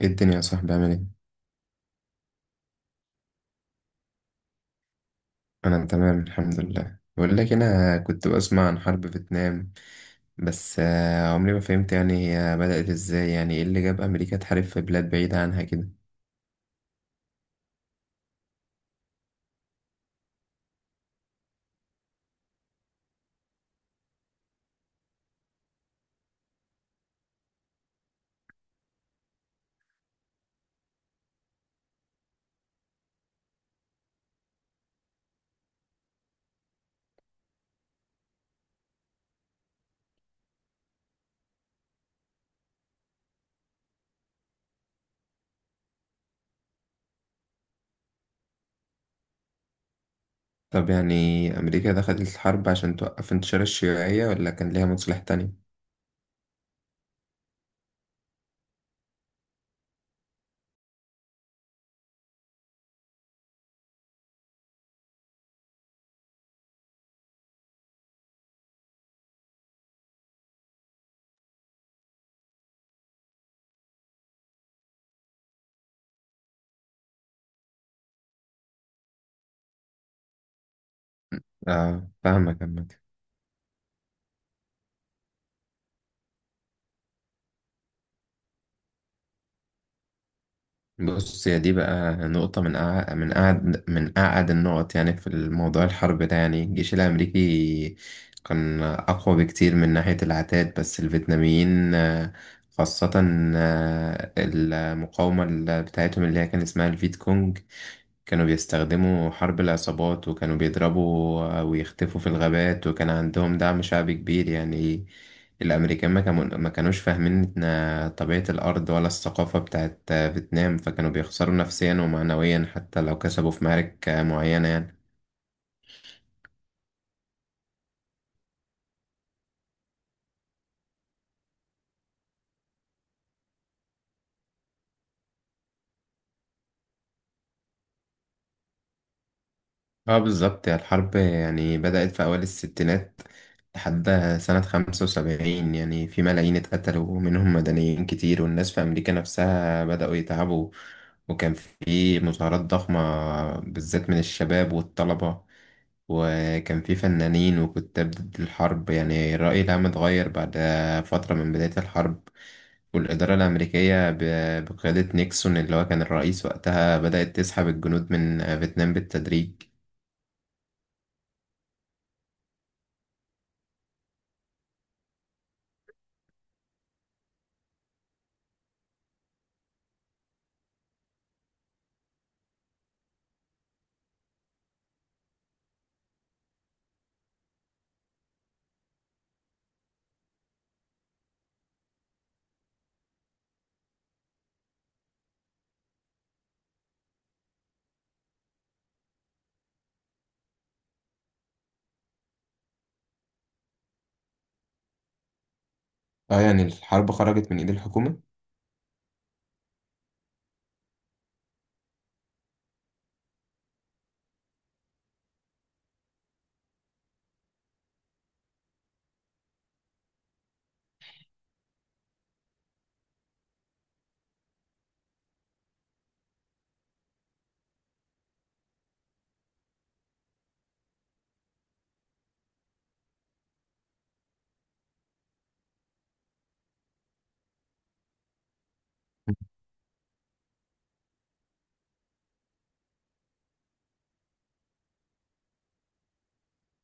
ايه الدنيا يا صاحبي عامل ايه؟ انا تمام الحمد لله. بقول لك انا كنت بسمع عن حرب فيتنام بس عمري ما فهمت يعني هي بدأت ازاي، يعني ايه اللي جاب امريكا تحارب في بلاد بعيدة عنها كده. طب يعني امريكا دخلت الحرب عشان توقف انتشار الشيوعية، ولا كان ليها مصلحة تانية؟ اه، فاهمك. بص، هي دي بقى نقطة من أعد النقط يعني في الموضوع الحرب ده. يعني الجيش الأمريكي كان أقوى بكتير من ناحية العتاد، بس الفيتناميين خاصة المقاومة بتاعتهم اللي هي كان اسمها الفيت كونج كانوا بيستخدموا حرب العصابات، وكانوا بيضربوا ويختفوا في الغابات، وكان عندهم دعم شعبي كبير يعني. الأمريكان ما كانوش فاهمين إن طبيعة الأرض ولا الثقافة بتاعت فيتنام، فكانوا بيخسروا نفسيا ومعنويا حتى لو كسبوا في معارك معينة يعني. اه بالظبط، هي الحرب يعني بدأت في أوائل الستينات لحد سنة خمسة وسبعين، يعني في ملايين اتقتلوا ومنهم مدنيين كتير، والناس في أمريكا نفسها بدأوا يتعبوا، وكان في مظاهرات ضخمة بالذات من الشباب والطلبة، وكان في فنانين وكتاب ضد الحرب. يعني الرأي العام اتغير بعد فترة من بداية الحرب، والإدارة الأمريكية بقيادة نيكسون اللي هو كان الرئيس وقتها بدأت تسحب الجنود من فيتنام بالتدريج. اه يعني الحرب خرجت من ايد الحكومة.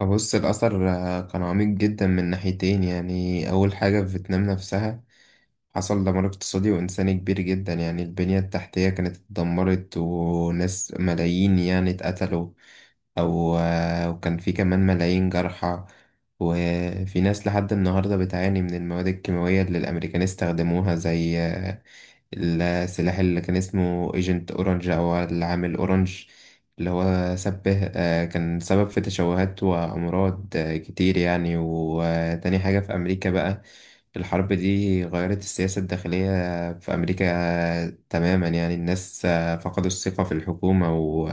فبص، الأثر كان عميق جدا من ناحيتين. يعني أول حاجة في فيتنام نفسها حصل دمار اقتصادي وإنساني كبير جدا، يعني البنية التحتية كانت اتدمرت، وناس ملايين يعني اتقتلوا أو وكان في كمان ملايين جرحى، وفي ناس لحد النهاردة بتعاني من المواد الكيماوية اللي الأمريكان استخدموها زي السلاح اللي كان اسمه ايجنت اورنج او العامل اورنج اللي هو سبه كان سبب في تشوهات وامراض كتير يعني. وتاني حاجة في امريكا بقى، الحرب دي غيرت السياسة الداخلية في امريكا تماما. يعني الناس فقدوا الثقة في الحكومة، و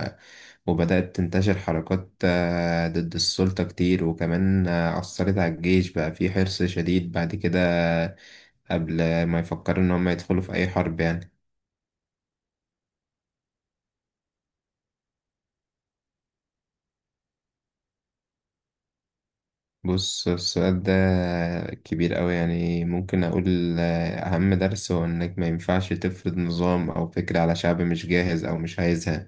وبدأت تنتشر حركات ضد السلطة كتير، وكمان أثرت على الجيش بقى في حرص شديد بعد كده قبل ما يفكروا إن هم يدخلوا في أي حرب يعني. بص السؤال ده كبير أوي. يعني ممكن أقول أهم درس هو إنك ما ينفعش تفرض نظام أو فكرة على شعب مش جاهز أو مش عايزها،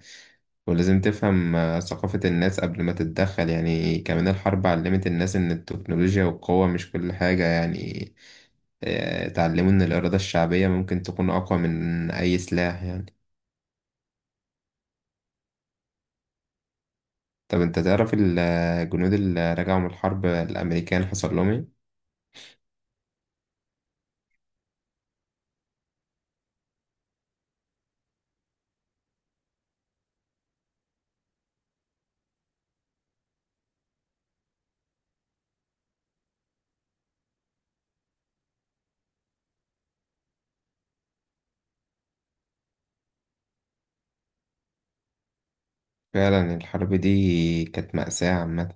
ولازم تفهم ثقافة الناس قبل ما تتدخل يعني. كمان الحرب علمت الناس إن التكنولوجيا والقوة مش كل حاجة يعني. اتعلموا إن الإرادة الشعبية ممكن تكون أقوى من أي سلاح يعني. طب أنت تعرف الجنود اللي رجعوا من الحرب الأمريكان حصل لهم إيه؟ فعلا الحرب دي كانت مأساة عامة.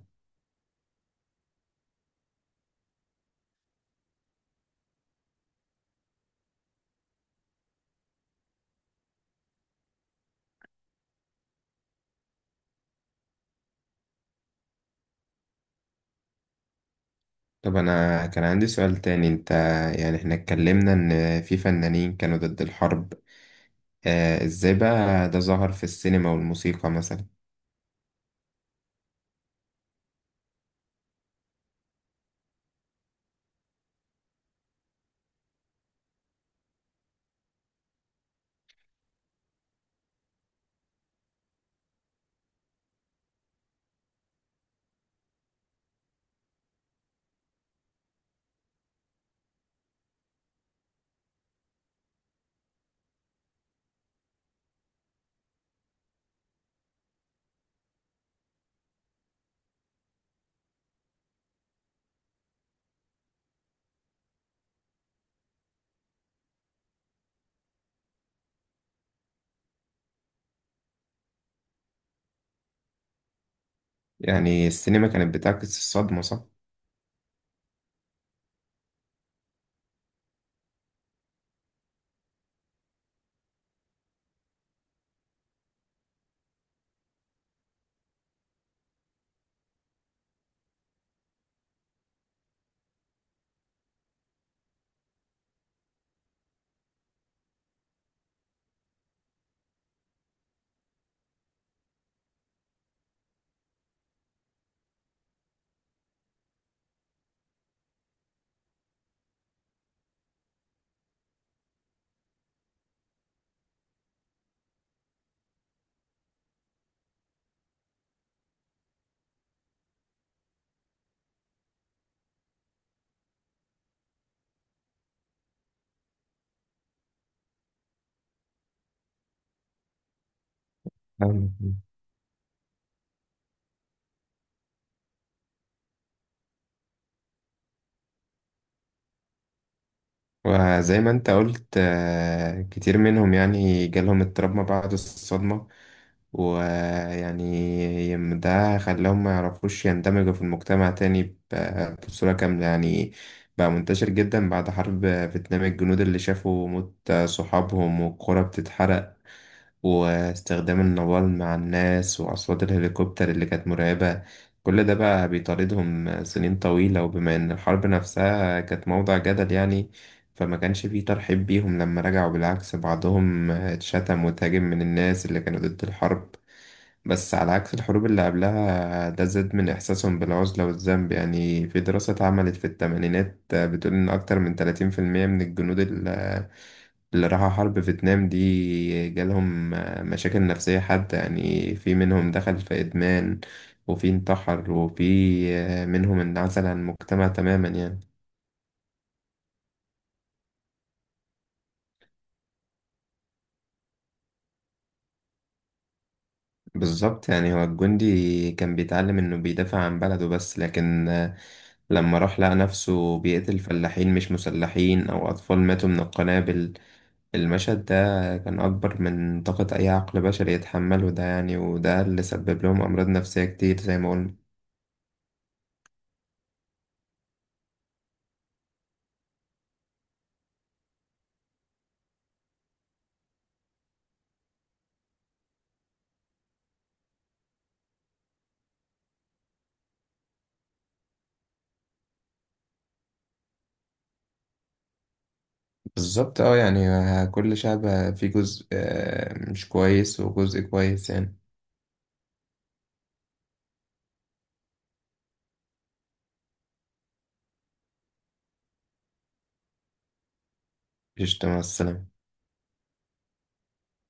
طب أنا كان عندي سؤال تاني. أنت يعني إحنا اتكلمنا إن في فنانين كانوا ضد الحرب، آه إزاي بقى ده ظهر في السينما والموسيقى مثلا؟ يعني السينما كانت بتعكس الصدمة، صح؟ فاهمك. وزي ما انت قلت كتير منهم يعني جالهم اضطراب ما بعد الصدمة، ويعني ده خلاهم ما يعرفوش يندمجوا في المجتمع تاني بصورة كاملة يعني. بقى منتشر جدا بعد حرب فيتنام، الجنود اللي شافوا موت صحابهم والقرى بتتحرق واستخدام النوال مع الناس وأصوات الهليكوبتر اللي كانت مرعبة، كل ده بقى بيطاردهم سنين طويلة. وبما إن الحرب نفسها كانت موضع جدل يعني، فما كانش فيه ترحيب بيهم لما رجعوا، بالعكس بعضهم اتشتم وتهاجم من الناس اللي كانوا ضد الحرب، بس على عكس الحروب اللي قبلها ده زاد من إحساسهم بالعزلة والذنب يعني. في دراسة اتعملت في الثمانينات بتقول إن أكتر من 30% من الجنود اللي راحوا حرب فيتنام دي جالهم مشاكل نفسية، حتى يعني في منهم دخل في إدمان، وفي انتحر، وفي منهم انعزل عن المجتمع تماما يعني. بالظبط، يعني هو الجندي كان بيتعلم إنه بيدافع عن بلده بس، لكن لما راح لقى نفسه بيقتل فلاحين مش مسلحين أو أطفال ماتوا من القنابل، المشهد ده كان أكبر من طاقة أي عقل بشري يتحمله ده يعني، وده اللي سبب لهم أمراض نفسية كتير زي ما قلنا. بالظبط اه، يعني كل شعب فيه جزء مش كويس وجزء كويس يعني. قشطة، مع السلامة.